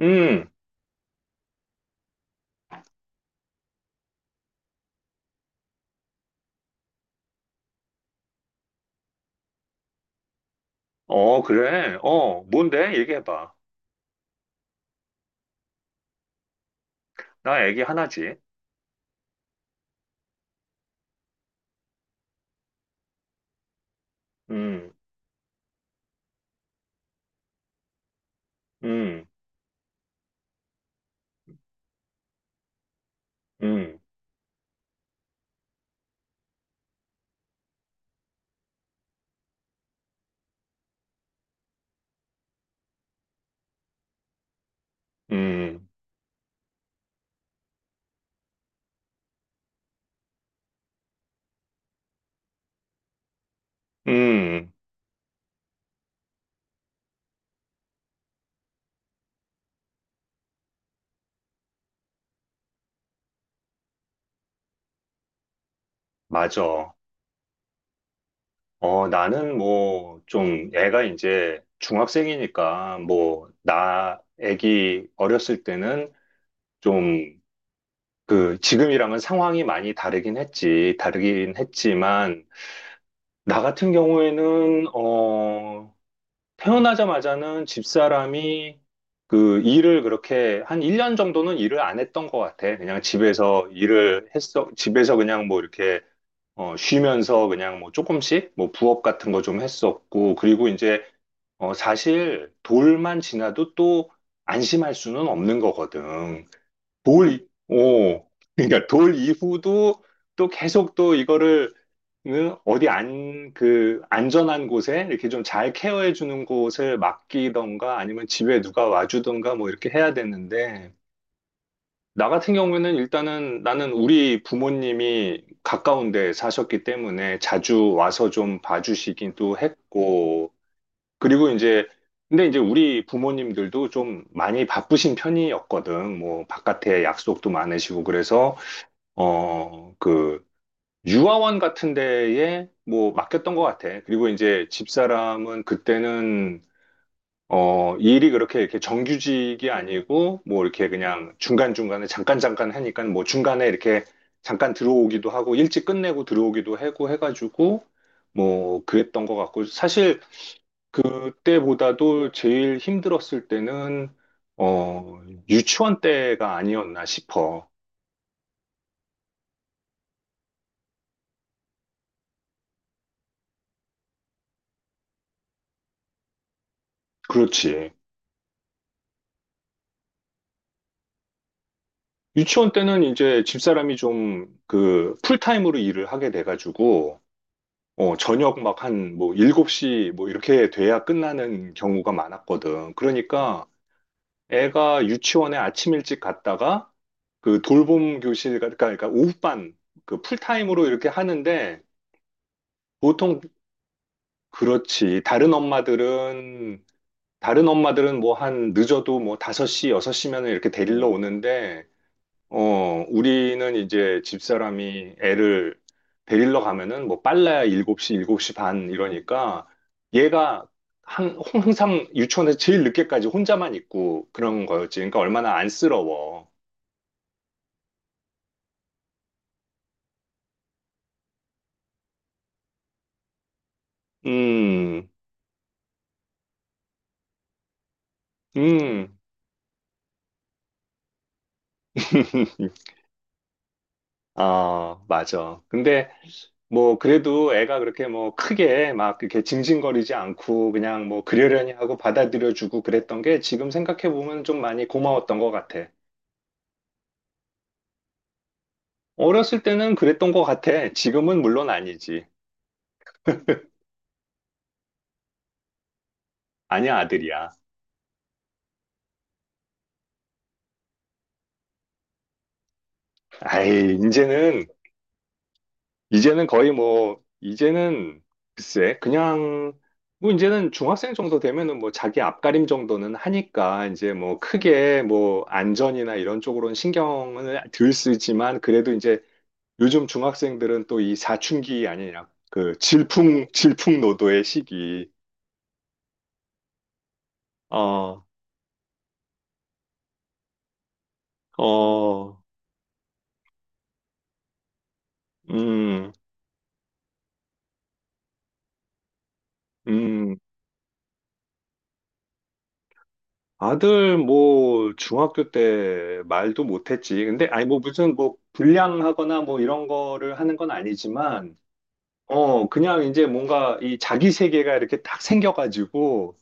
음, 어, 그래. 어, 뭔데? 얘기해봐. 나 애기 하나지. 음, 음, 음, 음, 음, 맞아. 어, 나는 뭐, 좀, 애가 이제 중학생이니까, 뭐, 나 애기 어렸을 때는 좀, 그, 지금이랑은 상황이 많이 다르긴 했지. 다르긴 했지만, 나 같은 경우에는, 어, 태어나자마자는 집사람이 그 일을 그렇게 한 1년 정도는 일을 안 했던 것 같아. 그냥 집에서 일을 했어. 집에서 그냥 뭐 이렇게 어, 쉬면서 그냥 뭐 조금씩 뭐 부업 같은 거 좀 했었고, 그리고 이제 어, 사실 돌만 지나도 또 안심할 수는 없는 거거든. 돌, 오, 그러니까 돌 이후도 또 계속 또 이거를 응? 어디 안, 그 안전한 곳에 이렇게 좀 잘 케어해 주는 곳을 맡기던가 아니면 집에 누가 와주던가 뭐 이렇게 해야 되는데, 나 같은 경우에는 일단은 나는 우리 부모님이 가까운 데 사셨기 때문에 자주 와서 좀 봐주시기도 했고, 그리고 이제, 근데 이제 우리 부모님들도 좀 많이 바쁘신 편이었거든. 뭐, 바깥에 약속도 많으시고, 그래서, 어, 그, 유아원 같은 데에 뭐, 맡겼던 것 같아. 그리고 이제 집사람은 그때는, 어, 일이 그렇게 이렇게 정규직이 아니고, 뭐, 이렇게 그냥 중간중간에 잠깐잠깐 하니까, 뭐, 중간에 이렇게 잠깐 들어오기도 하고, 일찍 끝내고 들어오기도 하고 해가지고, 뭐, 그랬던 것 같고, 사실, 그때보다도 제일 힘들었을 때는, 어, 유치원 때가 아니었나 싶어. 그렇지. 유치원 때는 이제 집사람이 좀 그 풀타임으로 일을 하게 돼가지고, 어, 저녁 막 한 뭐 7시 뭐 이렇게 돼야 끝나는 경우가 많았거든. 그러니까 애가 유치원에 아침 일찍 갔다가 그 돌봄 교실, 그러니까 오후반 그 풀타임으로 이렇게 하는데, 보통 그렇지. 다른 엄마들은 뭐 한 늦어도 뭐 5시, 6시면 이렇게 데리러 오는데, 어, 우리는 이제 집사람이 애를 데리러 가면은 뭐 빨라야 7시, 7시 반 이러니까 얘가 항상 유치원에서 제일 늦게까지 혼자만 있고 그런 거였지. 그러니까 얼마나 안쓰러워. 음, 음. 아, 맞아. 근데 뭐, 그래도 애가 그렇게 뭐 크게 막 이렇게 징징거리지 않고 그냥 뭐 그러려니 하고 받아들여주고 그랬던 게 지금 생각해보면 좀 많이 고마웠던 것 같아. 어렸을 때는 그랬던 것 같아. 지금은 물론 아니지. 아니야, 아들이야. 아이, 이제는, 이제는 거의 뭐, 이제는 글쎄, 그냥 뭐 이제는 중학생 정도 되면은 뭐 자기 앞가림 정도는 하니까 이제 뭐 크게 뭐 안전이나 이런 쪽으로는 신경을 덜 쓰지만 그래도 이제 요즘 중학생들은 또 이 사춘기 아니냐. 그 질풍노도의 시기. 어, 어, 음, 음. 아들 뭐 중학교 때 말도 못했지. 근데 아니 뭐 무슨 뭐 불량하거나 뭐 이런 거를 하는 건 아니지만, 어, 그냥 이제 뭔가 이 자기 세계가 이렇게 딱 생겨가지고,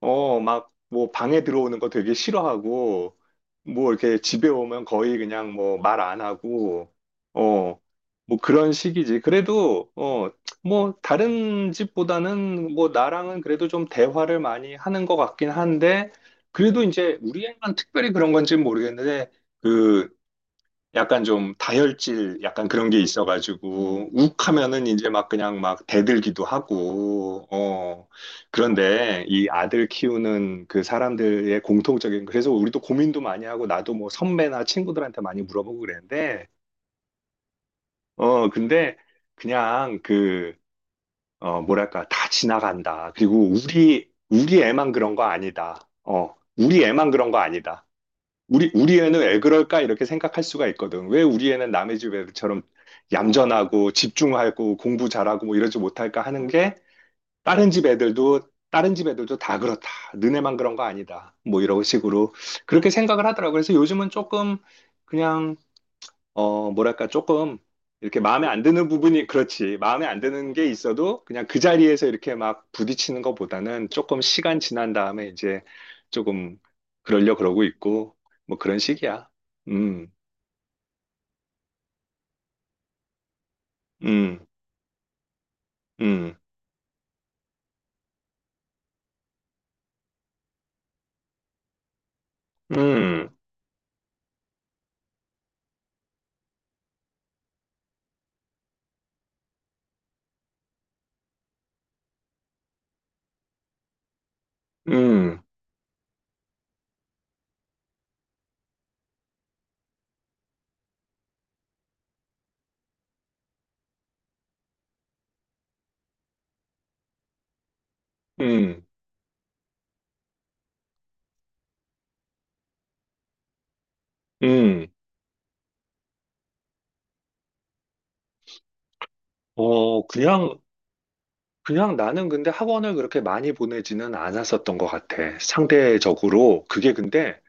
어, 막, 뭐, 방에 들어오는 거 되게 싫어하고, 뭐, 이렇게 집에 오면 거의 그냥 뭐, 말 안 하고, 어, 뭐, 그런 식이지. 그래도, 어, 뭐, 다른 집보다는 뭐, 나랑은 그래도 좀 대화를 많이 하는 것 같긴 한데, 그래도 이제, 우리 애만 특별히 그런 건지 는 모르겠는데, 그, 약간 좀 다혈질 약간 그런 게 있어가지고 욱하면은 이제 막 그냥 막 대들기도 하고. 어, 그런데 이 아들 키우는 그 사람들의 공통적인, 그래서 우리도 고민도 많이 하고 나도 뭐 선배나 친구들한테 많이 물어보고 그랬는데, 어 근데 그냥 그 어 뭐랄까, 다 지나간다. 그리고 우리 애만 그런 거 아니다. 어, 우리 애만 그런 거 아니다. 우리 애는 왜 그럴까? 이렇게 생각할 수가 있거든. 왜 우리 애는 남의 집 애들처럼 얌전하고 집중하고 공부 잘하고 뭐 이러지 못할까 하는 게, 다른 집 애들도, 다른 집 애들도 다 그렇다. 너네만 그런 거 아니다. 뭐 이런 식으로 그렇게 생각을 하더라고. 그래서 요즘은 조금 그냥, 어, 뭐랄까, 조금, 이렇게 마음에 안 드는 부분이, 그렇지. 마음에 안 드는 게 있어도 그냥 그 자리에서 이렇게 막 부딪히는 것보다는 조금 시간 지난 다음에 이제 조금 그러려 그러고 있고, 뭐 그런 식이야. 음, 음, 음, 음, 음, 음, 음. 어, 그냥, 그냥 나는 근데 학원을 그렇게 많이 보내지는 않았었던 것 같아. 상대적으로. 그게 근데,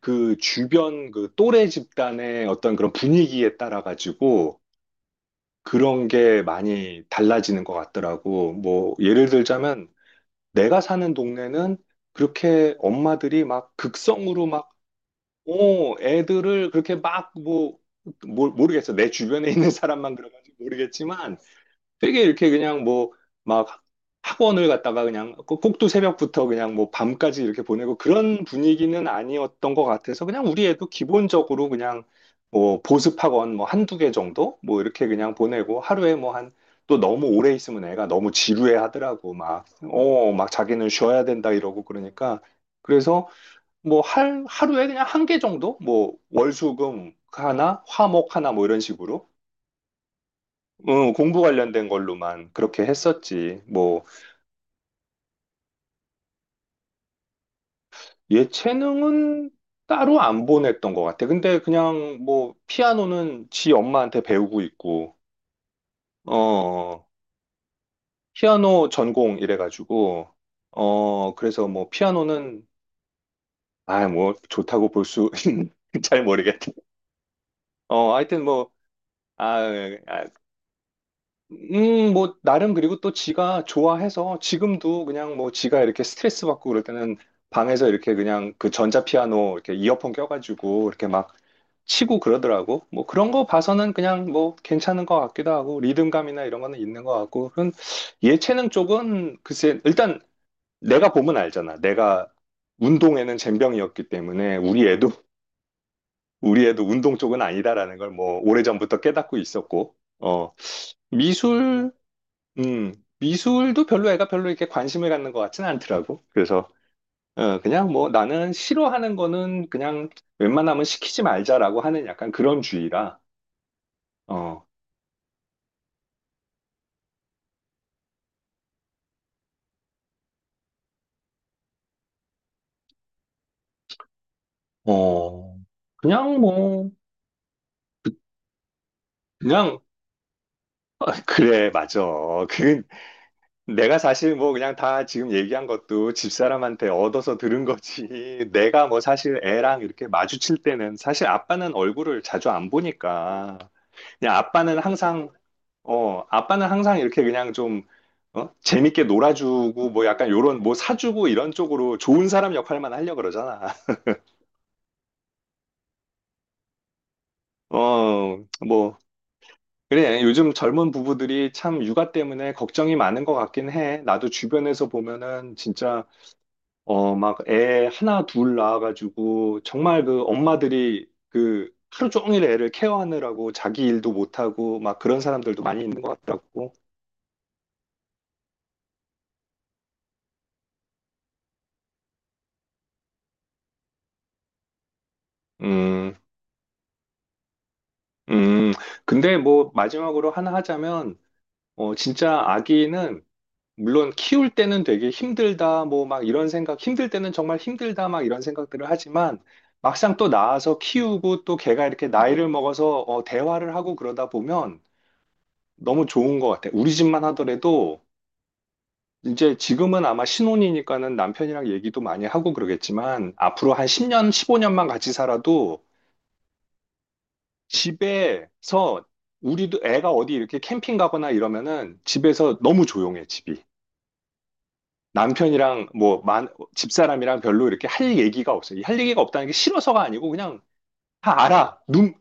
그 주변 그 또래 집단의 어떤 그런 분위기에 따라 가지고 그런 게 많이 달라지는 것 같더라고. 뭐 예를 들자면 내가 사는 동네는 그렇게 엄마들이 막 극성으로 막, 어, 애들을 그렇게 막 뭐, 모- 르겠어 내 주변에 있는 사람만 그런지 모르겠지만 되게 이렇게 그냥 뭐 막 학원을 갔다가 그냥 꼭두 새벽부터 그냥 뭐 밤까지 이렇게 보내고 그런 분위기는 아니었던 것 같아서, 그냥 우리 애도 기본적으로 그냥 뭐 보습 학원 뭐 한두 개 정도 뭐 이렇게 그냥 보내고 하루에 뭐 한, 또 너무 오래 있으면 애가 너무 지루해 하더라고. 막 어 막 자기는 쉬어야 된다 이러고. 그러니까 그래서 뭐 하루에 그냥 한 개 정도 뭐 월수금 하나 화목 하나 뭐 이런 식으로, 어, 공부 관련된 걸로만 그렇게 했었지. 뭐, 예체능은 따로 안 보냈던 것 같아. 근데 그냥 뭐, 피아노는 지 엄마한테 배우고 있고, 어, 피아노 전공 이래가지고, 어, 그래서 뭐, 피아노는, 아, 뭐, 좋다고 볼 수, 잘 모르겠다. 어, 하여튼 뭐, 아, 아, 뭐, 나름 그리고 또 지가 좋아해서 지금도 그냥 뭐 지가 이렇게 스트레스 받고 그럴 때는 방에서 이렇게 그냥 그 전자피아노 이렇게 이어폰 껴가지고 이렇게 막 치고 그러더라고. 뭐 그런 거 봐서는 그냥 뭐 괜찮은 것 같기도 하고 리듬감이나 이런 거는 있는 것 같고. 그런 예체능 쪽은 글쎄, 일단 내가 보면 알잖아. 내가 운동에는 젬병이었기 때문에 우리 애도, 우리 애도 운동 쪽은 아니다라는 걸 뭐 오래전부터 깨닫고 있었고. 어. 미술, 음, 미술도 별로 애가 별로 이렇게 관심을 갖는 것 같진 않더라고. 그래서, 어, 그냥 뭐 나는 싫어하는 거는 그냥 웬만하면 시키지 말자라고 하는 약간 그런 주의라, 어, 어, 그냥 뭐, 그냥, 그래, 맞아. 그, 내가 사실 뭐 그냥 다 지금 얘기한 것도 집사람한테 얻어서 들은 거지. 내가 뭐 사실 애랑 이렇게 마주칠 때는 사실 아빠는 얼굴을 자주 안 보니까 그냥 아빠는 항상, 어, 아빠는 항상 이렇게 그냥 좀, 어? 재밌게 놀아주고, 뭐 약간 요런, 뭐 사주고 이런 쪽으로 좋은 사람 역할만 하려고 그러잖아. 어, 뭐, 그래. 요즘 젊은 부부들이 참 육아 때문에 걱정이 많은 것 같긴 해. 나도 주변에서 보면은 진짜, 어, 막 애 하나 둘 낳아가지고, 정말 그 엄마들이 그 하루 종일 애를 케어하느라고 자기 일도 못하고, 막 그런 사람들도 많이 있는 것 같더라고. 음, 음. 근데 뭐 마지막으로 하나 하자면, 어, 진짜 아기는 물론 키울 때는 되게 힘들다, 뭐 막 이런 생각, 힘들 때는 정말 힘들다, 막 이런 생각들을 하지만 막상 또 낳아서 키우고 또 걔가 이렇게 나이를 먹어서, 어, 대화를 하고 그러다 보면 너무 좋은 것 같아. 우리 집만 하더라도 이제 지금은 아마 신혼이니까는 남편이랑 얘기도 많이 하고 그러겠지만 앞으로 한 10년, 15년만 같이 살아도 집에서, 우리도 애가 어디 이렇게 캠핑 가거나 이러면은 집에서 너무 조용해, 집이. 남편이랑 뭐 집사람이랑 별로 이렇게 할 얘기가 없어요. 이할 얘기가 없다는 게 싫어서가 아니고 그냥 다 알아. 눈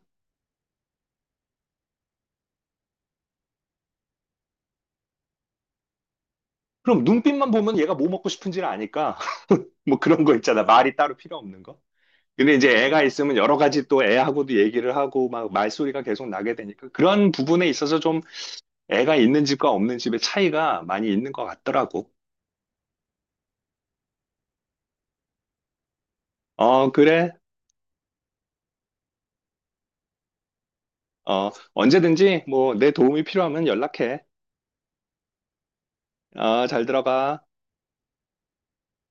그럼 눈빛만 보면 얘가 뭐 먹고 싶은지를 아니까. 뭐 그런 거 있잖아. 말이 따로 필요 없는 거. 근데 이제 애가 있으면 여러 가지 또 애하고도 얘기를 하고 막 말소리가 계속 나게 되니까 그런 부분에 있어서 좀 애가 있는 집과 없는 집의 차이가 많이 있는 것 같더라고. 어, 그래. 어, 언제든지 뭐 내 도움이 필요하면 연락해. 어, 잘 들어가.